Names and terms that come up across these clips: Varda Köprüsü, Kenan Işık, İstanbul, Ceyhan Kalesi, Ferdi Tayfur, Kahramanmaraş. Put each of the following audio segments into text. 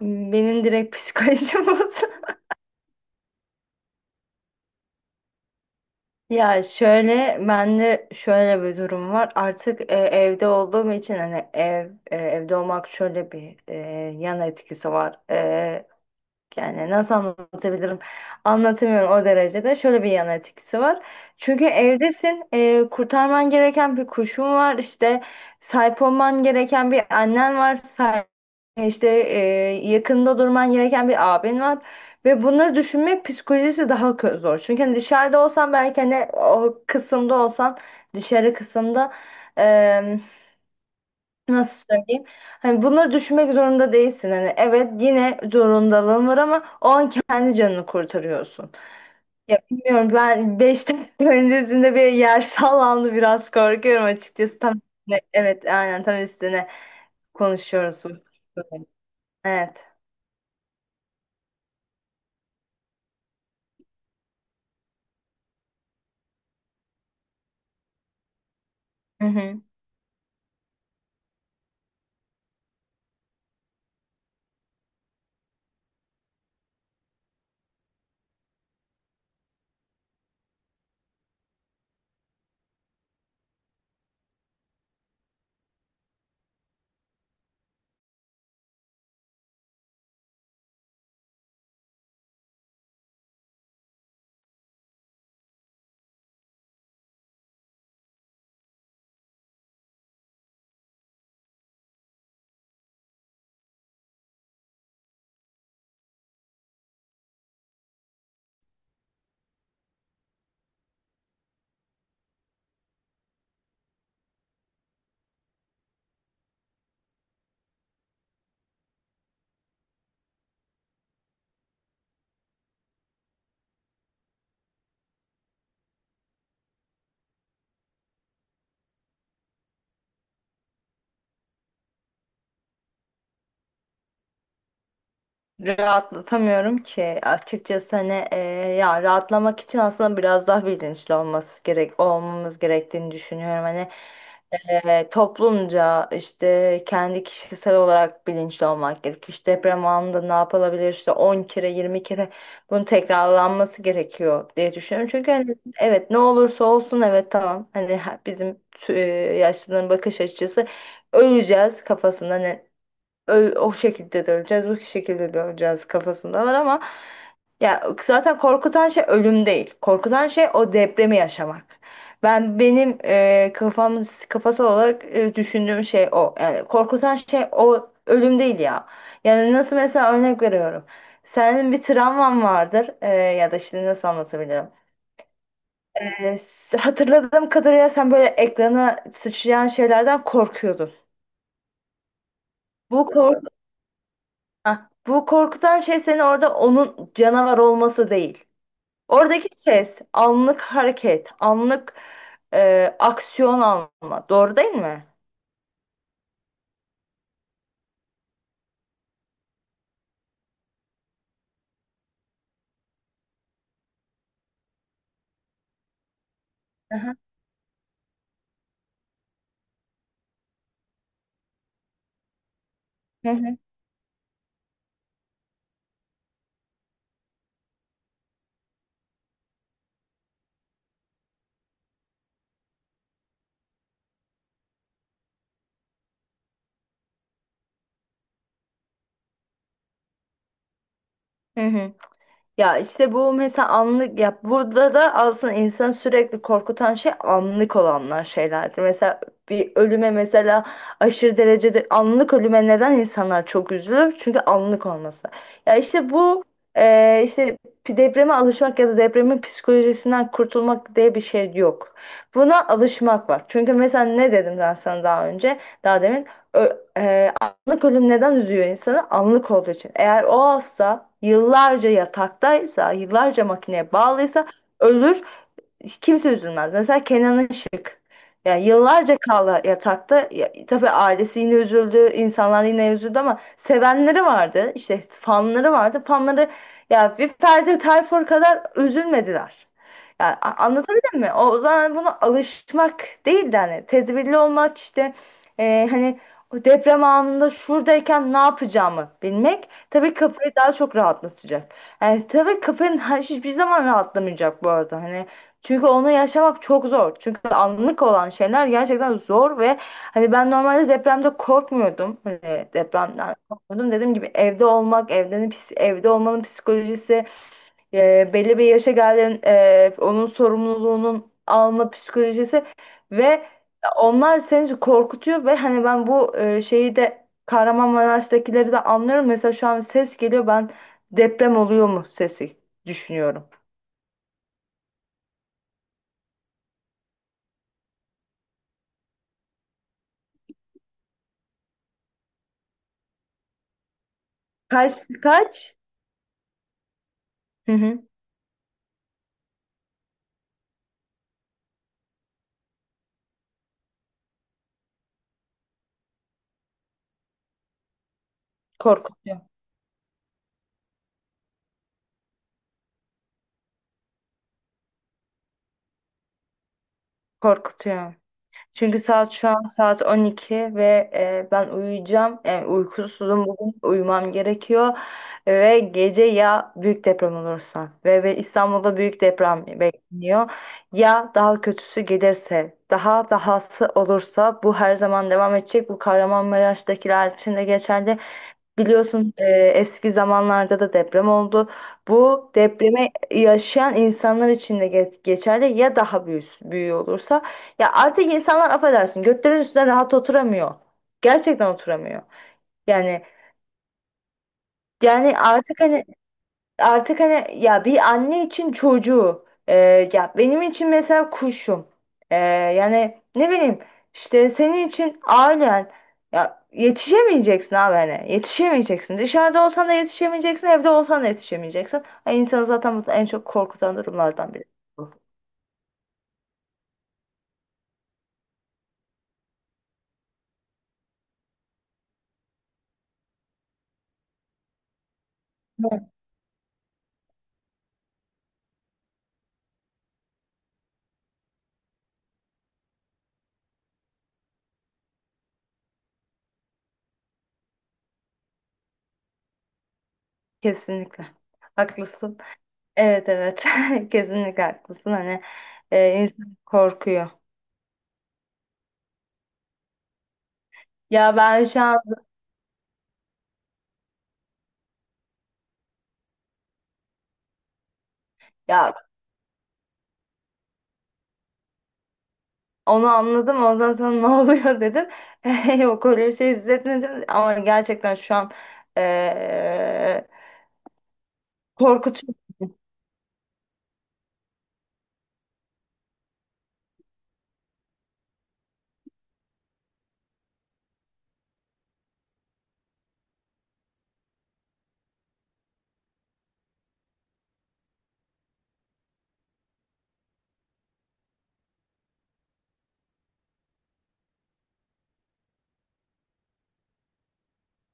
Benim direkt psikolojim bozuldu. Ya şöyle bende şöyle bir durum var. Artık evde olduğum için hani evde olmak şöyle bir yan etkisi var. Yani nasıl anlatabilirim? Anlatamıyorum o derecede. Şöyle bir yan etkisi var. Çünkü evdesin, kurtarman gereken bir kuşun var, işte sahip olman gereken bir annen var, işte yakında durman gereken bir abin var. Ve bunları düşünmek psikolojisi daha zor. Çünkü hani dışarıda olsan belki hani o kısımda olsan, dışarı kısımda. Nasıl söyleyeyim? Hani bunları düşünmek zorunda değilsin. Hani evet yine zorundalığın var ama o an kendi canını kurtarıyorsun. Ya bilmiyorum ben 5 dakika öncesinde bir yer sallandı, biraz korkuyorum açıkçası. Tam evet, aynen tam üstüne konuşuyoruz. Evet. Hı hı. Rahatlatamıyorum ki açıkçası, hani ya rahatlamak için aslında biraz daha bilinçli olması gerek olmamız gerektiğini düşünüyorum. Hani toplumca, işte kendi kişisel olarak bilinçli olmak gerekiyor. İşte deprem anında ne yapılabilir, işte 10 kere 20 kere bunun tekrarlanması gerekiyor diye düşünüyorum. Çünkü hani evet, ne olursa olsun, evet tamam, hani yaşlıların bakış açısı öleceğiz kafasında, ö- o şekilde döneceğiz, bu şekilde döneceğiz kafasındalar, ama ya zaten korkutan şey ölüm değil. Korkutan şey o depremi yaşamak. Benim kafası olarak düşündüğüm şey o. Yani korkutan şey o ölüm değil ya. Yani nasıl, mesela örnek veriyorum. Senin bir travman vardır ya da, şimdi nasıl anlatabilirim? Hatırladığım kadarıyla sen böyle ekrana sıçrayan şeylerden korkuyordun. Bu korku Ha, bu korkutan şey senin orada onun canavar olması değil. Oradaki ses, anlık hareket, anlık aksiyon alma. Doğru değil mi? Aha. Hı hı. Hı hı. Ya işte bu, mesela, anlık, ya burada da aslında insanı sürekli korkutan şey anlık olanlar, şeylerdir. Mesela bir ölüme, mesela aşırı derecede anlık ölüme, neden insanlar çok üzülür? Çünkü anlık olması. Ya işte bu işte depreme alışmak ya da depremin psikolojisinden kurtulmak diye bir şey yok. Buna alışmak var. Çünkü mesela ne dedim ben sana daha önce, daha demin? Ö- e, Anlık ölüm neden üzüyor insanı? Anlık olduğu için. Eğer o hasta yıllarca yataktaysa, yıllarca makineye bağlıysa ölür, kimse üzülmez. Mesela Kenan Işık. Yani yıllarca kaldı yatakta. Ya, tabii ailesi yine üzüldü, insanlar yine üzüldü ama sevenleri vardı, işte fanları vardı. Fanları ya bir Ferdi Tayfur kadar üzülmediler. Yani anlatabildim mi? O zaman buna alışmak değil de hani tedbirli olmak, işte hani o deprem anında şuradayken ne yapacağımı bilmek, tabii kafayı daha çok rahatlatacak. Yani tabii kafanın hiçbir zaman rahatlamayacak bu arada. Hani çünkü onu yaşamak çok zor. Çünkü anlık olan şeyler gerçekten zor ve hani ben normalde depremde korkmuyordum. Hani depremden korkmuyordum. Dediğim gibi, evde olmak, evde olmanın psikolojisi, belli bir yaşa geldiğin, onun sorumluluğunun alma psikolojisi ve onlar seni korkutuyor ve hani ben bu şeyi de, Kahramanmaraş'takileri de anlıyorum. Mesela şu an ses geliyor, ben deprem oluyor mu sesi düşünüyorum. Kaç Kaç? Hı hı. Korkutuyor. Korkutuyor. Çünkü saat şu an saat 12 ve ben uyuyacağım. Uykusuzum bugün. Uyumam gerekiyor. Ve gece ya büyük deprem olursa ve, İstanbul'da büyük deprem bekleniyor. Ya daha kötüsü gelirse, daha dahası olursa bu her zaman devam edecek. Bu Kahramanmaraş'takiler için de geçerli. Biliyorsun eski zamanlarda da deprem oldu. Bu depremi yaşayan insanlar için de geçerli, ya daha büyük, büyüğü olursa. Ya artık insanlar, affedersin, götlerin üstüne rahat oturamıyor. Gerçekten oturamıyor. Yani, yani artık hani artık hani ya bir anne için çocuğu, ya benim için mesela kuşum, E, yani ne bileyim, işte senin için ailen, ya yetişemeyeceksin abi, hani yetişemeyeceksin, dışarıda olsan da yetişemeyeceksin, evde olsan da yetişemeyeceksin. Ay, insanı zaten bu en çok korkutan durumlardan biri. Evet. Kesinlikle haklısın, evet evet, kesinlikle haklısın, hani insan korkuyor, ya ben şu an, ya. Onu anladım. Ondan sonra ne oluyor dedim. Yok, öyle bir şey hissetmedim. Ama gerçekten şu an eee korkutucu.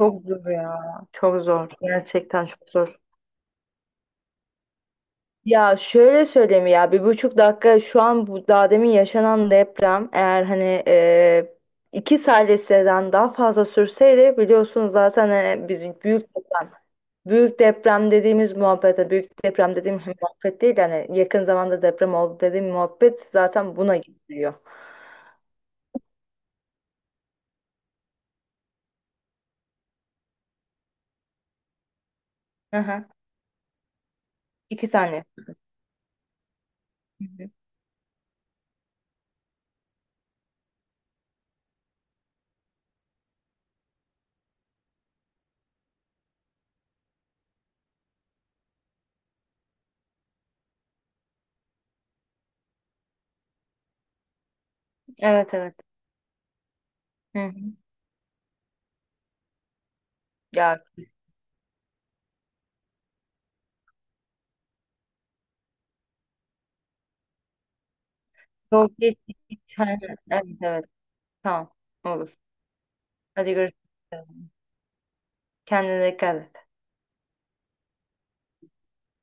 Çok zor ya. Çok zor. Gerçekten çok zor. Ya şöyle söyleyeyim, ya 1,5 dakika, şu an bu daha demin yaşanan deprem eğer hani 2 saniyeden daha fazla sürseydi, biliyorsunuz zaten biz büyük deprem. Büyük deprem dediğimiz muhabbete, büyük deprem dediğim muhabbet değil, yani yakın zamanda deprem oldu dediğim muhabbet zaten buna gidiyor. Hı hı. 2 saniye. Hı hı. Evet evet. Hı hı. Ya çok geç. Geç. Hı hı. Evet evet. Tamam. Olur. Hadi görüşürüz. Kendine dikkat et.